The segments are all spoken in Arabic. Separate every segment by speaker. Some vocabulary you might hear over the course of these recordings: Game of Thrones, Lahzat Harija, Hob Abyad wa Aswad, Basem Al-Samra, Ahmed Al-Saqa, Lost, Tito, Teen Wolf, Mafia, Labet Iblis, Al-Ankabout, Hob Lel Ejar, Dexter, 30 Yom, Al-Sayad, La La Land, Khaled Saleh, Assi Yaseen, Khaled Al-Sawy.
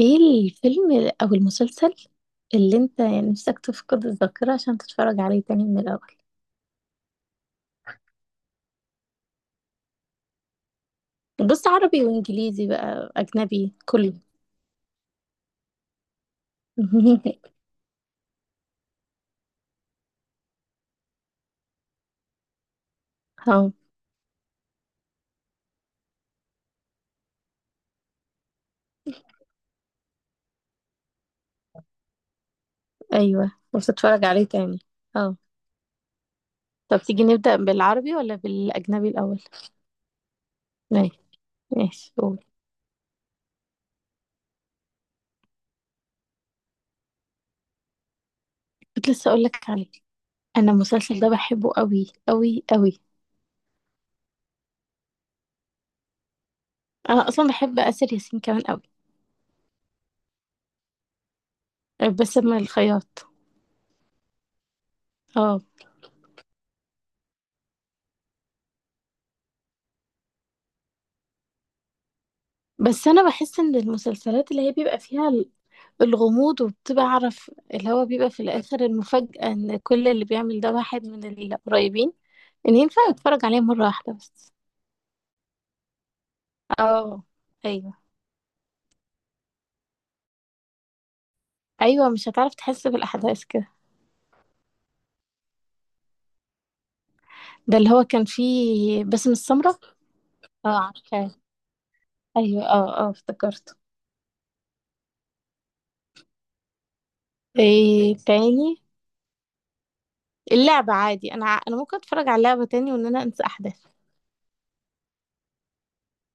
Speaker 1: ايه الفيلم او المسلسل اللي انت نفسك تفقد الذاكرة عشان تتفرج عليه تاني من الاول؟ بص، عربي وانجليزي بقى، اجنبي كله. اه. ايوه وتتفرج عليه تاني. اه. طب تيجي نبدأ بالعربي ولا بالاجنبي الاول؟ ماشي. ماشي قول. كنت لسه اقول لك عليه. انا المسلسل ده بحبه قوي قوي قوي. انا اصلا بحب اسر ياسين كمان قوي. بس من الخياط. اه. بس انا بحس ان المسلسلات اللي هي بيبقى فيها الغموض وبتعرف اللي هو بيبقى في الآخر المفاجأة إن كل اللي بيعمل ده واحد من القريبين، إن ينفع أتفرج عليه مرة واحدة بس. اه. أيوه. أيوه، مش هتعرف تحس بالأحداث كده. ده اللي هو كان فيه باسم السمرة. اه عارفاه. أيوه، اه اه، افتكرته. إيه تاني؟ اللعبة عادي، أنا أنا ممكن أتفرج على اللعبة تاني وإن أنا أنسى أحداث.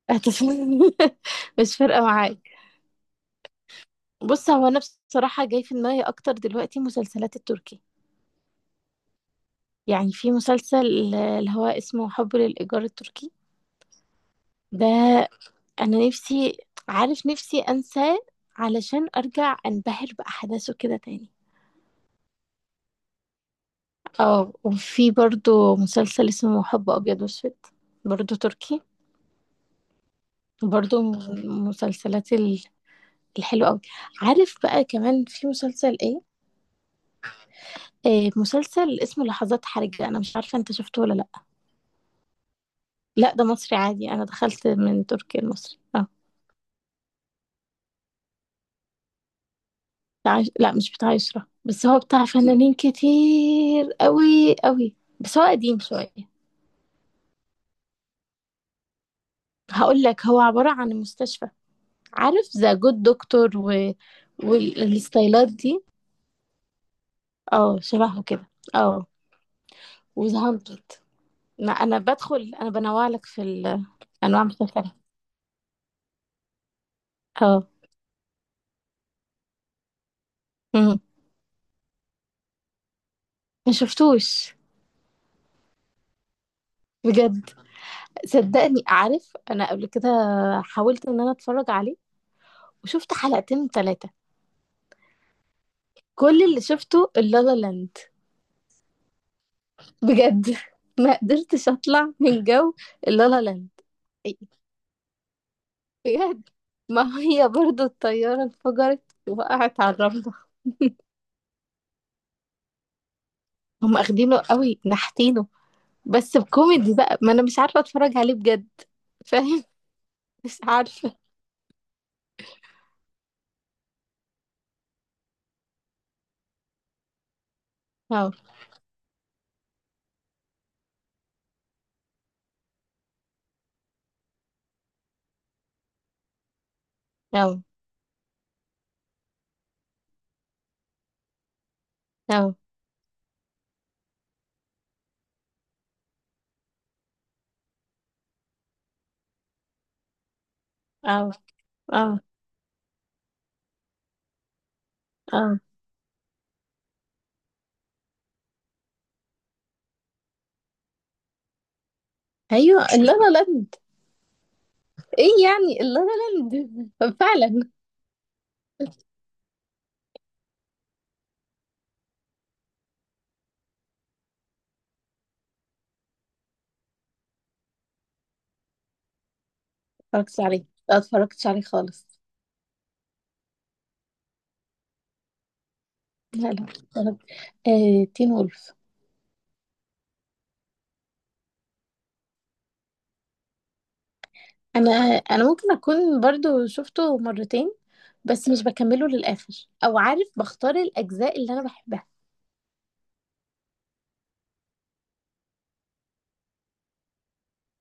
Speaker 1: مش فارقة معايا. بص، هو أنا بصراحة جاي في دماغي أكتر دلوقتي مسلسلات التركي. يعني في مسلسل اللي هو اسمه حب للإيجار التركي. ده أنا نفسي، عارف، نفسي أنساه علشان أرجع أنبهر بأحداثه كده تاني. اه وفي برضو مسلسل اسمه حب أبيض وأسود، برضو تركي. برضو من المسلسلات الحلوة أوي. عارف بقى كمان في مسلسل إيه؟ مسلسل اسمه لحظات حرجة، أنا مش عارفة أنت شفته ولا لأ. لأ، ده مصري عادي، أنا دخلت من تركيا المصري. بتاع لا مش بتاع عشرة، بس هو بتاع فنانين كتير قوي قوي، بس هو قديم شوية. هقول لك، هو عبارة عن مستشفى، عارف ذا جود دكتور والستايلات دي. اه شبهه كده، اه. وذا هاندرد. أنا بدخل، انا بنوع لك في الانواع المختلفة. اه. مم. ما شفتوش. بجد. صدقني عارف انا قبل كده حاولت ان انا اتفرج عليه وشفت حلقتين ثلاثة. كل اللي شفته اللالا لاند. بجد. ما قدرتش اطلع من جو اللا لا لاند. بجد. ما هي برضو الطيارة انفجرت، وقعت على الرملة. هم اخدينه قوي نحتينه. بس بكوميدي بقى، ما انا مش عارفة اتفرج عليه بجد. فاهم. مش عارفة. او، او، او، او، او، او. ايوه اللا لا لاند. ايه يعني اللا لا لاند؟ فعلا اتفرجتش عليه ما اتفرجتش عليه خالص. لا لا، اتفرجت. آه تين وولف. انا انا ممكن اكون برضو شفته مرتين، بس مش بكمله للاخر، او عارف بختار الاجزاء اللي انا بحبها.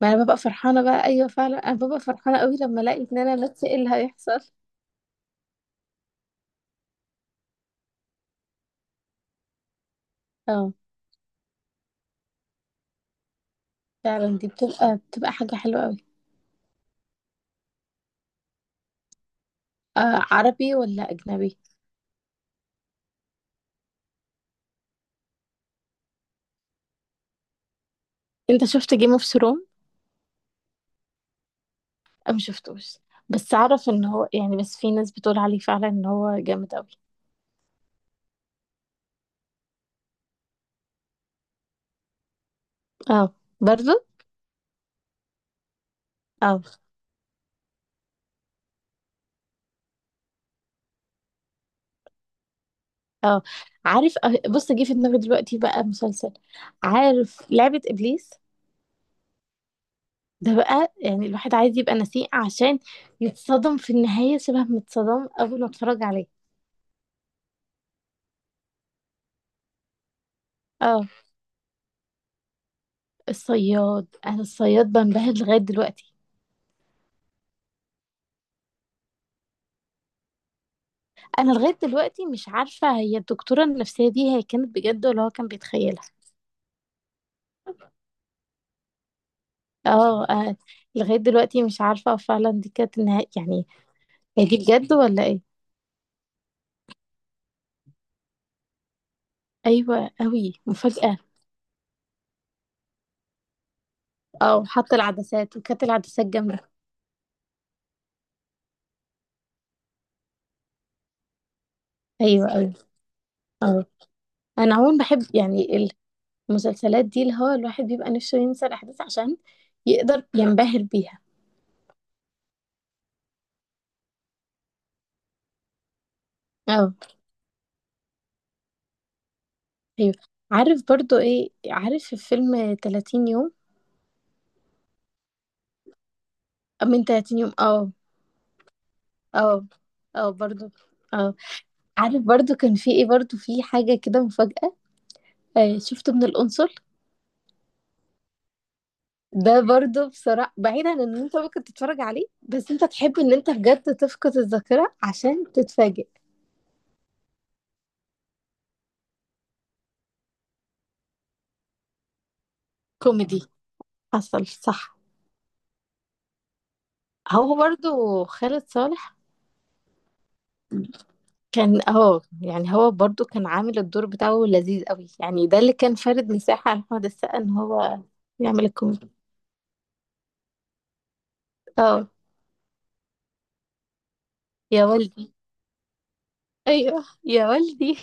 Speaker 1: ما انا ببقى فرحانه بقى، ايوه فعلا انا ببقى فرحانه قوي لما الاقي ان انا لاتس ايه اللي هيحصل. اه فعلا دي بتبقى حاجه حلوه قوي. آه عربي ولا اجنبي؟ انت شفت جيم اوف ثرون؟ او ما شفتوش، بس اعرف ان هو، يعني، بس في ناس بتقول عليه فعلا ان هو جامد قوي. اه برضو. اه اه عارف. بص جه في دماغي دلوقتي بقى مسلسل، عارف لعبة إبليس؟ ده بقى يعني الواحد عايز يبقى نسيء عشان يتصدم في النهاية شبه ما اتصدم أول ما اتفرج عليه. اه الصياد، أنا الصياد بنبهر لغاية دلوقتي. أنا لغاية دلوقتي مش عارفة، هي الدكتورة النفسية دي هي كانت بجد ولا هو كان بيتخيلها. اه. آه، لغاية دلوقتي مش عارفة فعلا دي كانت النهاية، يعني هي دي بجد ولا ايه. أيوة أوي مفاجأة. اه وحط العدسات، وكانت العدسات جامدة. ايوه ايوه. اه. انا عموما بحب، يعني، المسلسلات دي اللي هو الواحد بيبقى نفسه ينسى الاحداث عشان يقدر ينبهر بيها. اه. ايوه. عارف برضو ايه؟ عارف في فيلم 30 يوم. أو من 30 يوم، اه. اه اه برضو، اه. عارف برضو كان في ايه، برضو في حاجة كده مفاجأة. آه شفته من القنصل. ده برضو بصراحة بعيدا عن ان انت ممكن تتفرج عليه، بس انت تحب ان انت بجد تفقد الذاكرة عشان تتفاجئ. كوميدي. حصل صح. هو برضو خالد صالح. كان، اه، يعني هو برضو كان عامل الدور بتاعه لذيذ قوي، يعني ده اللي كان فارد مساحة لأحمد السقا ان هو يعمل الكوميدي. اه يا والدي. ايوه يا والدي.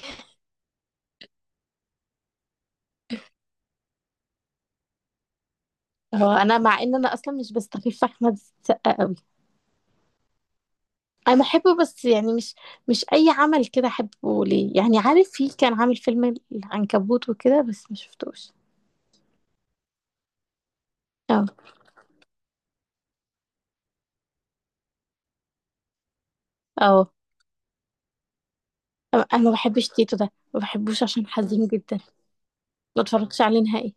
Speaker 1: هو انا مع ان انا اصلا مش بستخف في احمد السقا قوي. انا بحبه بس يعني مش اي عمل كده احبه ليه، يعني عارف في كان عامل فيلم العنكبوت وكده بس ما شفتوش. اه اه. انا ما بحبش تيتو ده، ما بحبوش عشان حزين جدا. ما اتفرجتش عليه نهائي.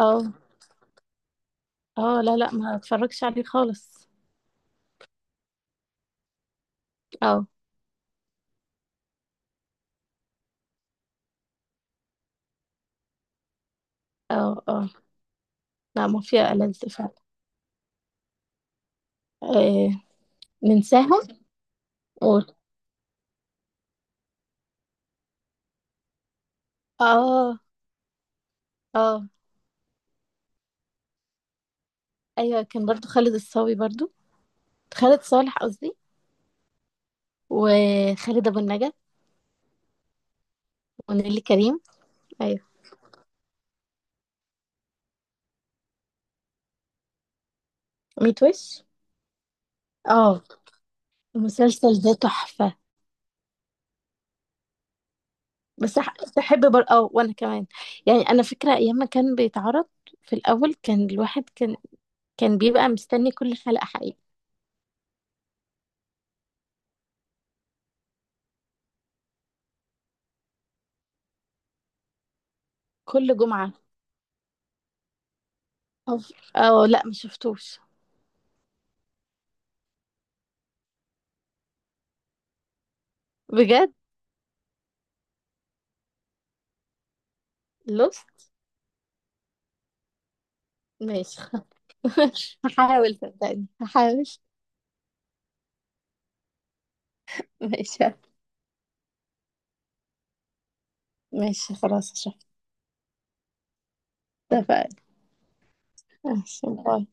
Speaker 1: اه اه، لا لا، ما اتفرجش عليه خالص. اه اه اه. لا مافيا ألذ فعلا. آه ننساها و... اه اه. ايوه كان برضو خالد الصاوي، برضو خالد صالح قصدي، وخالد ابو النجا، ونيلي كريم. ايوه. ميت وش. اه المسلسل ده تحفة. بس بحب اه وانا كمان، يعني انا فكرة ايام ما كان بيتعرض في الاول، كان الواحد كان، كان بيبقى مستني كل حلقة حقيقي. كل جمعة. اه لا، ما شفتوش. بجد. لوست. ماشي خلاص. هحاول صدقني، هحاول. ماشي. ماشي خلاص شفت. اتفقنا. ماشي باي.